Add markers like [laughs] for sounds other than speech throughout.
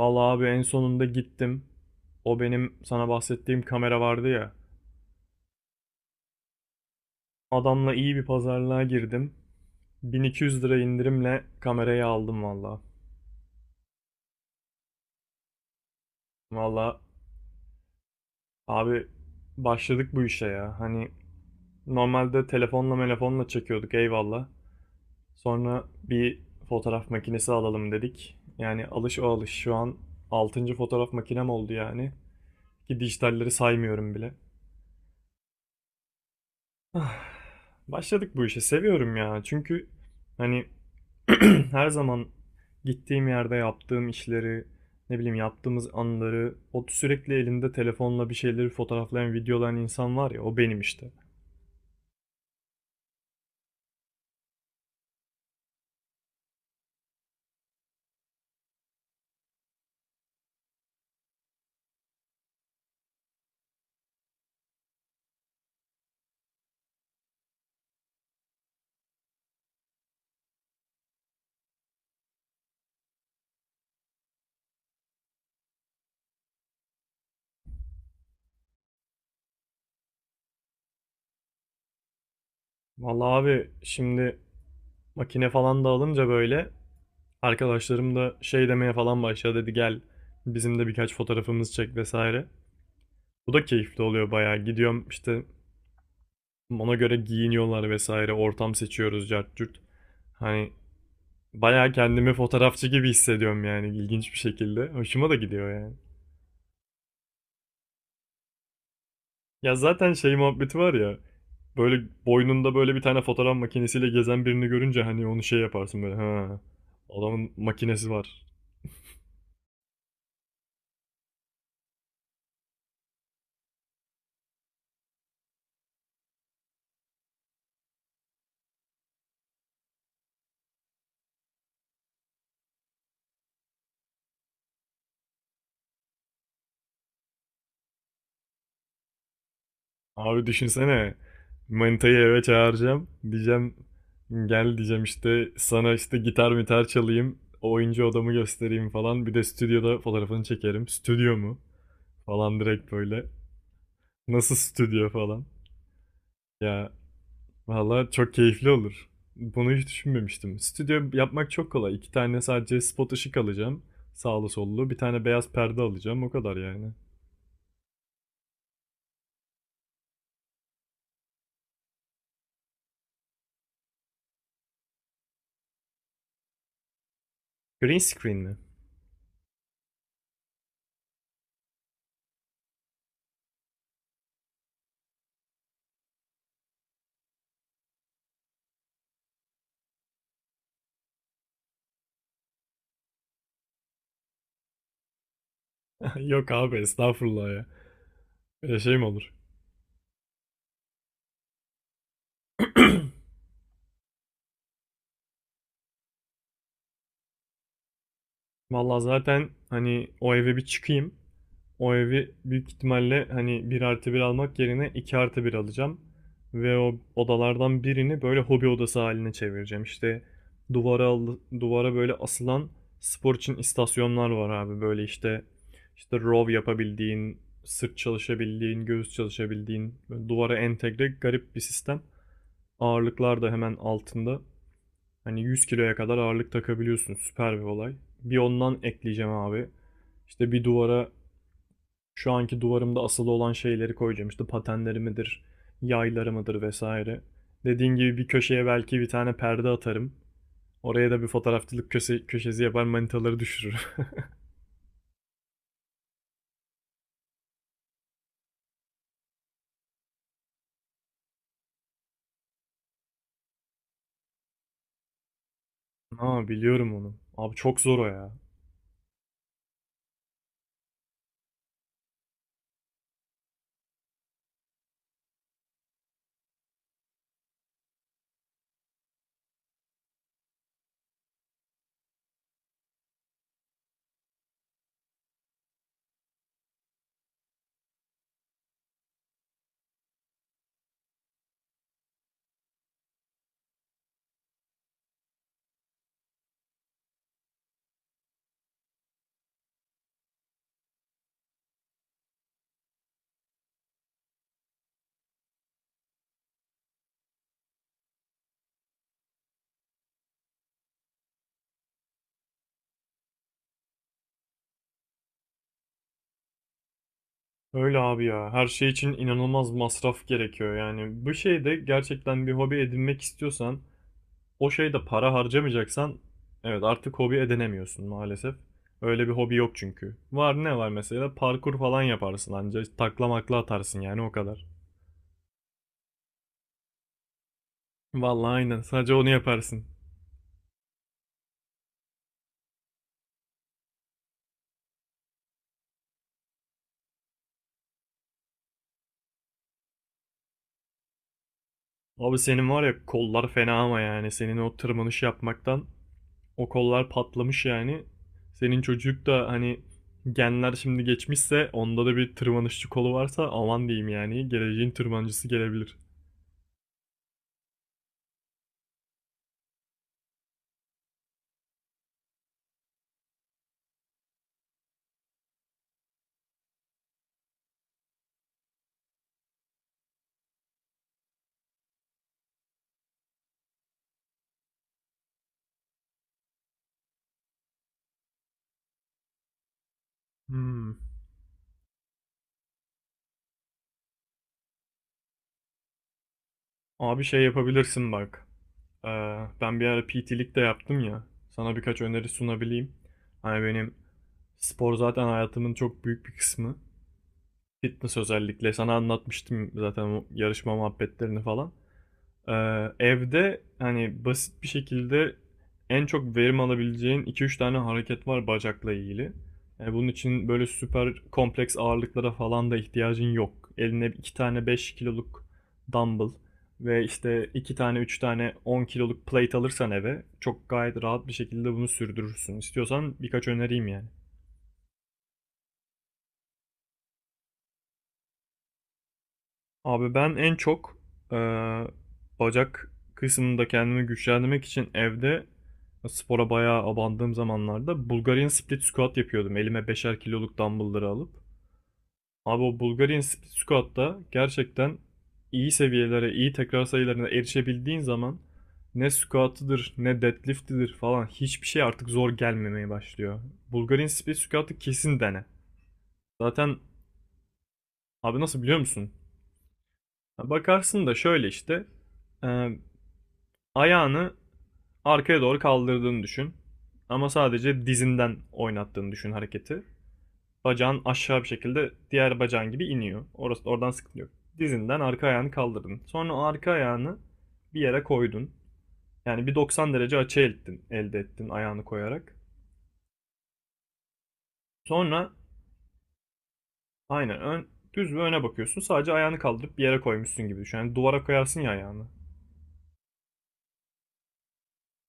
Vallahi abi en sonunda gittim. O benim sana bahsettiğim kamera vardı ya. Adamla iyi bir pazarlığa girdim. 1200 lira indirimle kamerayı aldım vallahi. Vallahi abi başladık bu işe ya. Hani normalde telefonla çekiyorduk eyvallah. Sonra bir fotoğraf makinesi alalım dedik. Yani alış o alış. Şu an altıncı fotoğraf makinem oldu yani. Ki dijitalleri saymıyorum bile. Ah, Başladık bu işe. Seviyorum ya. Çünkü hani [clears throat] her zaman gittiğim yerde yaptığım işleri, ne bileyim yaptığımız anları, o sürekli elinde telefonla bir şeyleri fotoğraflayan, videolayan insan var ya, o benim işte. Vallahi abi şimdi makine falan da alınca böyle arkadaşlarım da şey demeye falan başladı, dedi gel bizim de birkaç fotoğrafımız çek vesaire. Bu da keyifli oluyor bayağı. Gidiyorum işte ona göre giyiniyorlar vesaire, ortam seçiyoruz cart curt. Hani, bayağı kendimi fotoğrafçı gibi hissediyorum yani ilginç bir şekilde. Hoşuma da gidiyor yani. Ya zaten şey muhabbeti var ya. Böyle boynunda böyle bir tane fotoğraf makinesiyle gezen birini görünce hani onu şey yaparsın böyle. Ha, adamın makinesi var. Abi düşünsene. Manitayı eve çağıracağım. Diyeceğim gel diyeceğim işte sana, işte gitar mitar çalayım. Oyuncu odamı göstereyim falan. Bir de stüdyoda fotoğrafını çekerim. Stüdyo mu? Falan direkt böyle. Nasıl stüdyo falan. Ya, valla çok keyifli olur. Bunu hiç düşünmemiştim. Stüdyo yapmak çok kolay. İki tane sadece spot ışık alacağım. Sağlı sollu. Bir tane beyaz perde alacağım. O kadar yani. Green screen mi? [laughs] Yok abi estağfurullah ya. Öyle şey mi olur? Vallahi zaten hani o eve bir çıkayım. O evi büyük ihtimalle hani 1+1 almak yerine 2+1 alacağım. Ve o odalardan birini böyle hobi odası haline çevireceğim. İşte duvara böyle asılan spor için istasyonlar var abi. Böyle işte row yapabildiğin, sırt çalışabildiğin, göğüs çalışabildiğin, böyle duvara entegre garip bir sistem. Ağırlıklar da hemen altında. Hani 100 kiloya kadar ağırlık takabiliyorsun. Süper bir olay. Bir ondan ekleyeceğim abi. İşte bir duvara şu anki duvarımda asılı olan şeyleri koyacağım. İşte patenlerimidir, yaylarımıdır vesaire. Dediğin gibi bir köşeye belki bir tane perde atarım. Oraya da bir fotoğrafçılık köşesi yapar, manitaları düşürür. [laughs] Ha, biliyorum onu. Abi çok zor o ya. Öyle abi ya. Her şey için inanılmaz masraf gerekiyor. Yani bu şeyde gerçekten bir hobi edinmek istiyorsan, o şeyde para harcamayacaksan evet artık hobi edinemiyorsun maalesef. Öyle bir hobi yok çünkü. Var ne var, mesela parkur falan yaparsın ancak, taklamakla atarsın yani, o kadar. Vallahi aynen, sadece onu yaparsın. Abi senin var ya kollar fena, ama yani senin o tırmanış yapmaktan o kollar patlamış yani. Senin çocuk da hani genler şimdi geçmişse onda da bir tırmanışçı kolu varsa aman diyeyim yani, geleceğin tırmancısı gelebilir. Hmm. Abi şey yapabilirsin bak. Ben bir ara PT'lik de yaptım ya. Sana birkaç öneri sunabileyim. Hani benim spor zaten hayatımın çok büyük bir kısmı. Fitness özellikle. Sana anlatmıştım zaten o yarışma muhabbetlerini falan. Ee, Evde hani basit bir şekilde en çok verim alabileceğin iki üç tane hareket var bacakla ilgili. Bunun için böyle süper kompleks ağırlıklara falan da ihtiyacın yok. Eline 2 tane 5 kiloluk dumbbell ve işte 2 tane 3 tane 10 kiloluk plate alırsan eve çok gayet rahat bir şekilde bunu sürdürürsün. İstiyorsan birkaç önereyim yani. Abi ben en çok eee, bacak kısmında kendimi güçlendirmek için evde spora bayağı abandığım zamanlarda Bulgarian split squat yapıyordum. Elime 5'er kiloluk dumbbellları alıp. Abi o Bulgarian split squat'ta gerçekten iyi seviyelere, iyi tekrar sayılarına erişebildiğin zaman ne squat'ıdır ne deadlift'idir falan, hiçbir şey artık zor gelmemeye başlıyor. Bulgarian split squat'ı kesin dene. Zaten abi nasıl biliyor musun? Bakarsın da şöyle işte. Ee, Ayağını arkaya doğru kaldırdığını düşün. Ama sadece dizinden oynattığını düşün hareketi. Bacağın aşağı bir şekilde diğer bacağın gibi iniyor. Orası oradan sıkıntı yok. Dizinden arka ayağını kaldırdın. Sonra arka ayağını bir yere koydun. Yani bir 90 derece açı ettin, elde ettin ayağını koyarak. Sonra aynen ön, düz ve öne bakıyorsun. Sadece ayağını kaldırıp bir yere koymuşsun gibi düşün. Yani duvara koyarsın ya ayağını.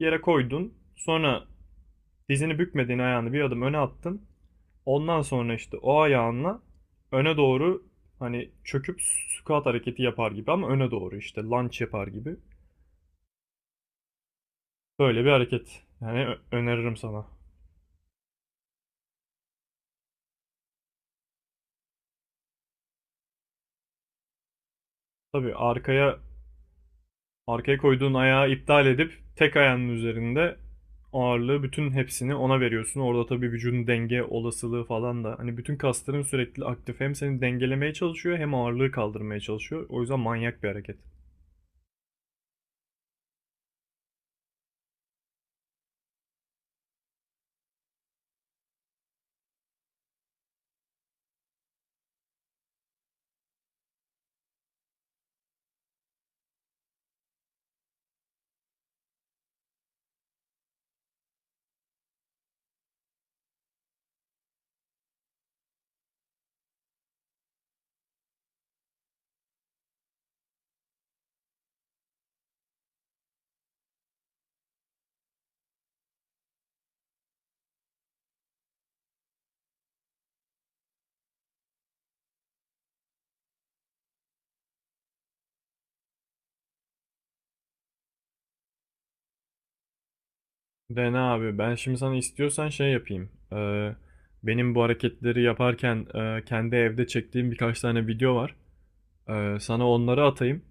Bir yere koydun. Sonra dizini bükmediğin ayağını bir adım öne attın. Ondan sonra işte o ayağınla öne doğru hani çöküp squat hareketi yapar gibi, ama öne doğru işte lunge yapar gibi. Böyle bir hareket. Yani öneririm sana. Tabii arkaya koyduğun ayağı iptal edip tek ayağının üzerinde ağırlığı bütün hepsini ona veriyorsun. Orada tabii vücudun denge olasılığı falan da hani, bütün kasların sürekli aktif, hem seni dengelemeye çalışıyor hem ağırlığı kaldırmaya çalışıyor. O yüzden manyak bir hareket. Dene abi. Ben şimdi sana istiyorsan şey yapayım. Benim bu hareketleri yaparken kendi evde çektiğim birkaç tane video var. Sana onları atayım.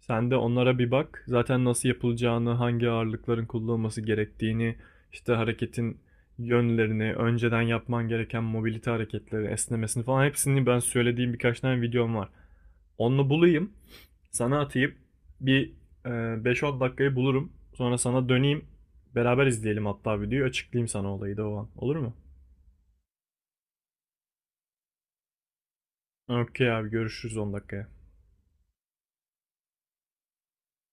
Sen de onlara bir bak. Zaten nasıl yapılacağını, hangi ağırlıkların kullanılması gerektiğini, işte hareketin yönlerini, önceden yapman gereken mobilite hareketleri, esnemesini falan hepsini ben söylediğim birkaç tane videom var. Onu bulayım. Sana atayım. Bir 5-10 dakikayı bulurum. Sonra sana döneyim. Beraber izleyelim hatta videoyu. Açıklayayım sana olayı da o an. Olur mu? Okey abi, görüşürüz 10 dakikaya.